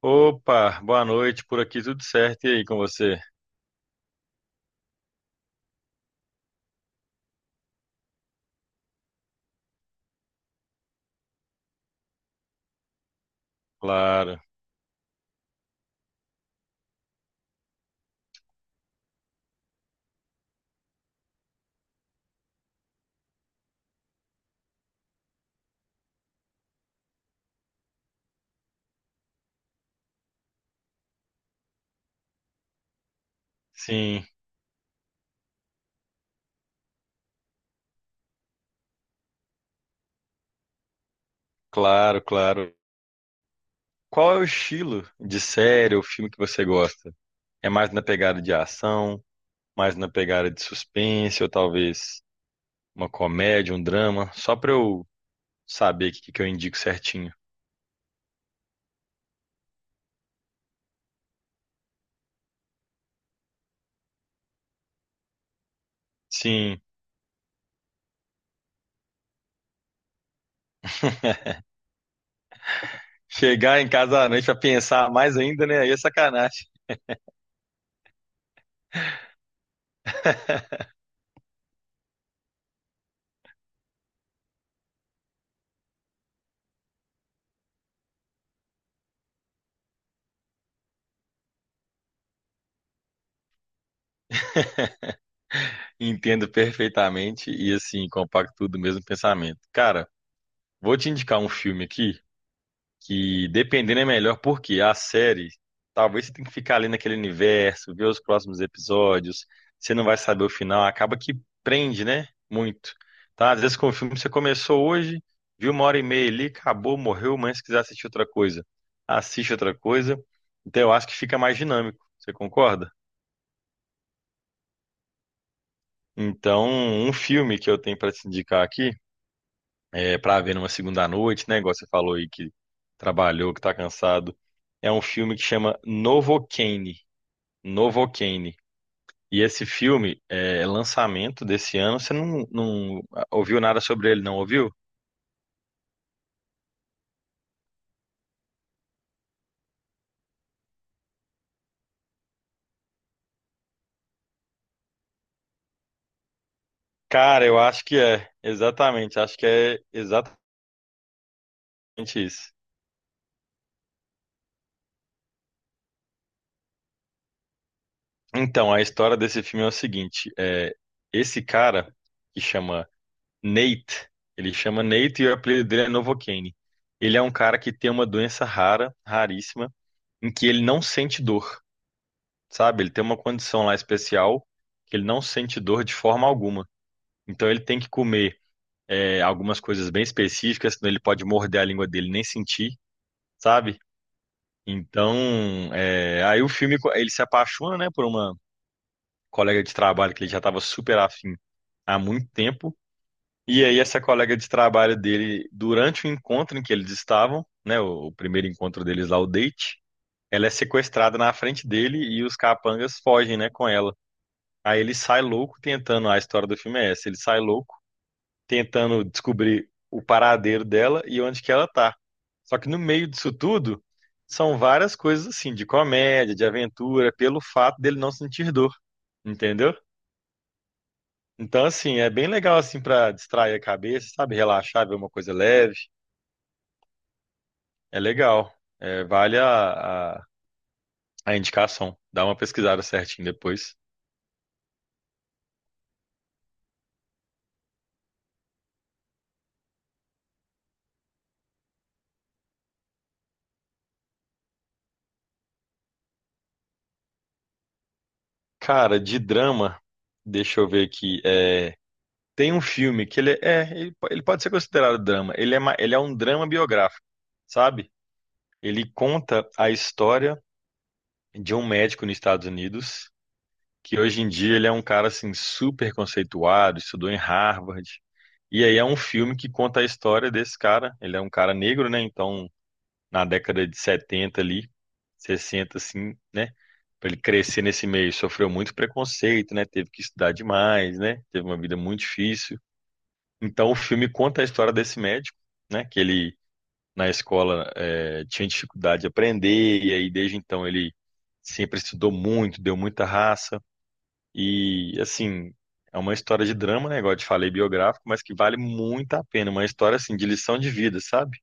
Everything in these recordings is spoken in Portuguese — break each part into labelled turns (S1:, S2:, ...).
S1: Opa, boa noite, por aqui tudo certo, e aí com você? Claro, sim, claro, claro. Qual é o estilo de série ou filme que você gosta? É mais na pegada de ação, mais na pegada de suspense, ou talvez uma comédia, um drama, só pra eu saber o que que eu indico certinho. Sim, chegar em casa à noite pra pensar mais ainda, né? Aí é sacanagem. Entendo perfeitamente e assim, compacto tudo o mesmo pensamento. Cara, vou te indicar um filme aqui que dependendo é melhor, porque a série, talvez você tenha que ficar ali naquele universo, ver os próximos episódios, você não vai saber o final, acaba que prende, né? Muito. Tá? Às vezes com o filme você começou hoje, viu uma hora e meia ali, acabou, morreu, mas se quiser assistir outra coisa, assiste outra coisa. Então eu acho que fica mais dinâmico, você concorda? Então, um filme que eu tenho para te indicar aqui para ver numa segunda noite, né? Igual você falou aí que trabalhou, que tá cansado. É um filme que chama Novocaine. Novocaine. E esse filme é lançamento desse ano. Você não ouviu nada sobre ele, não ouviu? Cara, eu acho que é. Exatamente. Acho que é exatamente isso. Então, a história desse filme é o seguinte: esse cara que chama Nate, ele chama Nate e o apelido dele é Novocaine. Ele é um cara que tem uma doença rara, raríssima em que ele não sente dor, sabe? Ele tem uma condição lá especial que ele não sente dor de forma alguma. Então ele tem que comer algumas coisas bem específicas, senão ele pode morder a língua dele e nem sentir, sabe? Então, aí o filme ele se apaixona, né, por uma colega de trabalho que ele já estava super afim há muito tempo. E aí essa colega de trabalho dele, durante o encontro em que eles estavam, né, o primeiro encontro deles lá, o date, ela é sequestrada na frente dele e os capangas fogem, né, com ela. Aí ele sai louco tentando, a história do filme é essa, ele sai louco tentando descobrir o paradeiro dela e onde que ela tá. Só que no meio disso tudo, são várias coisas assim, de comédia, de aventura, pelo fato dele não sentir dor, entendeu? Então assim, é bem legal assim pra distrair a cabeça, sabe, relaxar, ver uma coisa leve, é legal. É, vale a indicação. Dá uma pesquisada certinho depois. Cara, de drama, deixa eu ver aqui, é... Tem um filme que ele pode ser considerado drama. Ele é um drama biográfico, sabe? Ele conta a história de um médico nos Estados Unidos, que hoje em dia ele é um cara assim super conceituado, estudou em Harvard. E aí é um filme que conta a história desse cara. Ele é um cara negro, né? Então, na década de 70 ali, 60 assim, né? Pra ele crescer nesse meio, sofreu muito preconceito, né? Teve que estudar demais, né? Teve uma vida muito difícil. Então o filme conta a história desse médico, né? Que ele na escola tinha dificuldade de aprender, e aí desde então ele sempre estudou muito, deu muita raça, e assim, é uma história de drama, né? Igual eu te falei, biográfico, mas que vale muito a pena. Uma história assim de lição de vida, sabe?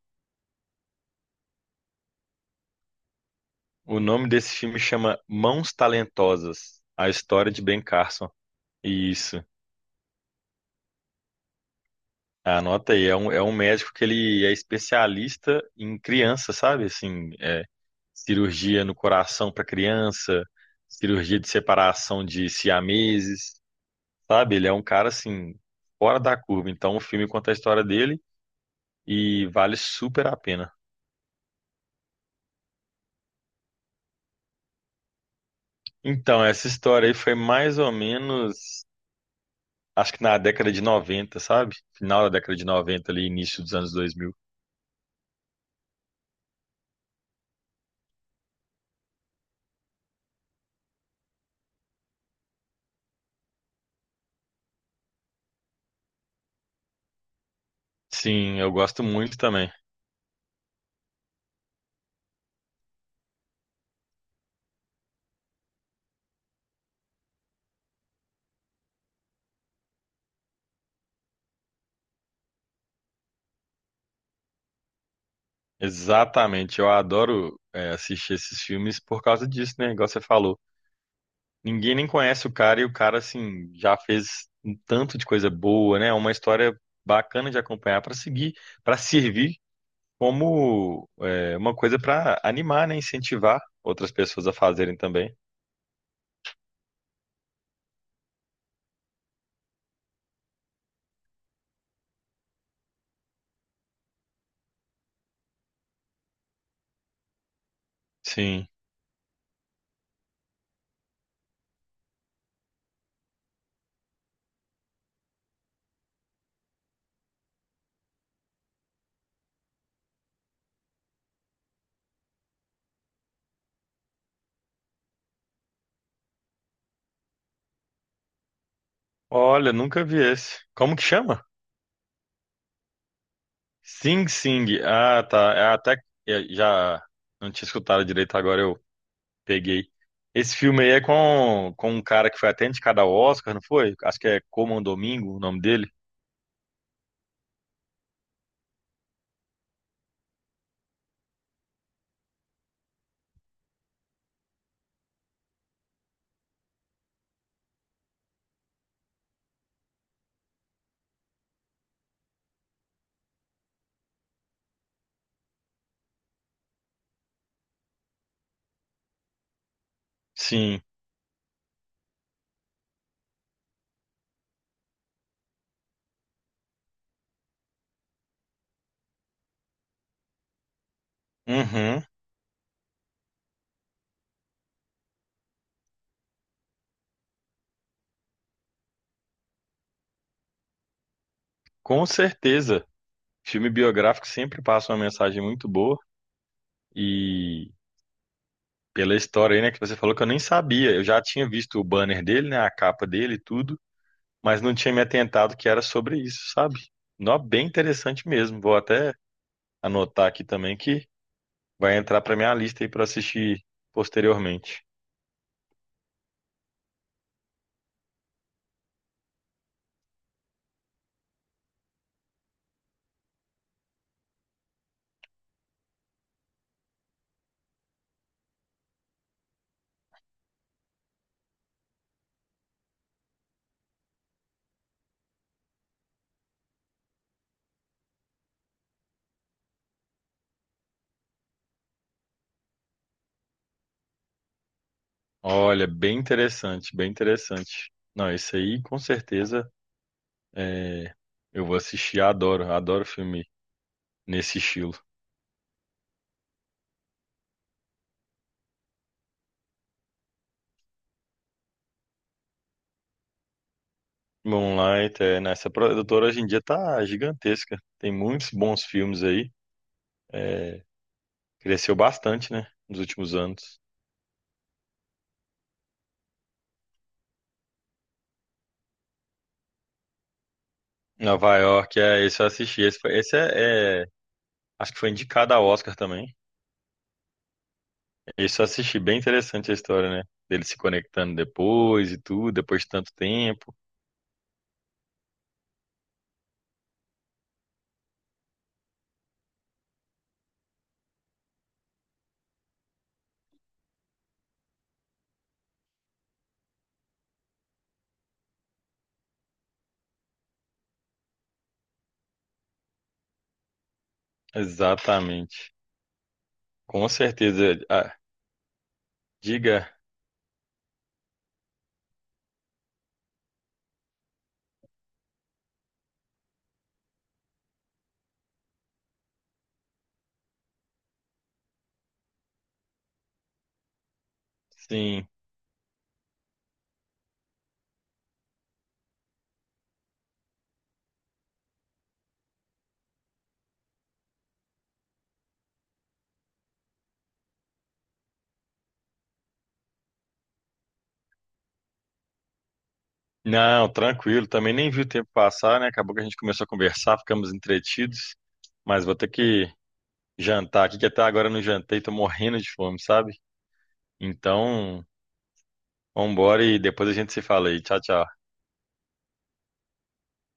S1: O nome desse filme chama Mãos Talentosas, a História de Ben Carson. Isso. Anota aí, é um médico que ele é especialista em criança, sabe? Assim, cirurgia no coração para criança, cirurgia de separação de siameses, sabe? Ele é um cara assim fora da curva. Então o filme conta a história dele e vale super a pena. Então essa história aí foi mais ou menos acho que na década de 90, sabe? Final da década de 90 ali, início dos anos 2000. Sim, eu gosto muito também. Exatamente, eu adoro assistir esses filmes por causa disso, né? Igual você falou. Ninguém nem conhece o cara e o cara, assim, já fez um tanto de coisa boa, né? É uma história bacana de acompanhar para seguir, para servir como uma coisa para animar, né? Incentivar outras pessoas a fazerem também. Sim. Olha, nunca vi esse. Como que chama? Sing Sing. Ah, tá. É até é, já não tinha escutado direito, agora eu peguei. Esse filme aí é com um cara que foi até indicado ao Oscar, não foi? Acho que é Coman Domingo o nome dele. Sim. Uhum. Com certeza, filme biográfico sempre passa uma mensagem muito boa e pela história aí, né, que você falou que eu nem sabia. Eu já tinha visto o banner dele, né, a capa dele e tudo, mas não tinha me atentado que era sobre isso, sabe? Nó, bem interessante mesmo. Vou até anotar aqui também que vai entrar para minha lista aí para assistir posteriormente. Olha, bem interessante, bem interessante. Não, esse aí com certeza é, eu vou assistir, adoro, adoro filme nesse estilo. Moonlight, é, né? Essa produtora hoje em dia tá gigantesca. Tem muitos bons filmes aí. É, cresceu bastante, né? Nos últimos anos. Nova York, é, esse eu assisti. Esse acho que foi indicado ao Oscar também. Esse eu assisti, bem interessante a história, né? Dele se conectando depois e tudo, depois de tanto tempo. Exatamente. Com certeza. Ah, diga, sim. Não, tranquilo. Também nem vi o tempo passar, né? Acabou que a gente começou a conversar, ficamos entretidos. Mas vou ter que jantar aqui, que até agora eu não jantei, tô morrendo de fome, sabe? Então, vambora e depois a gente se fala aí. Tchau, tchau.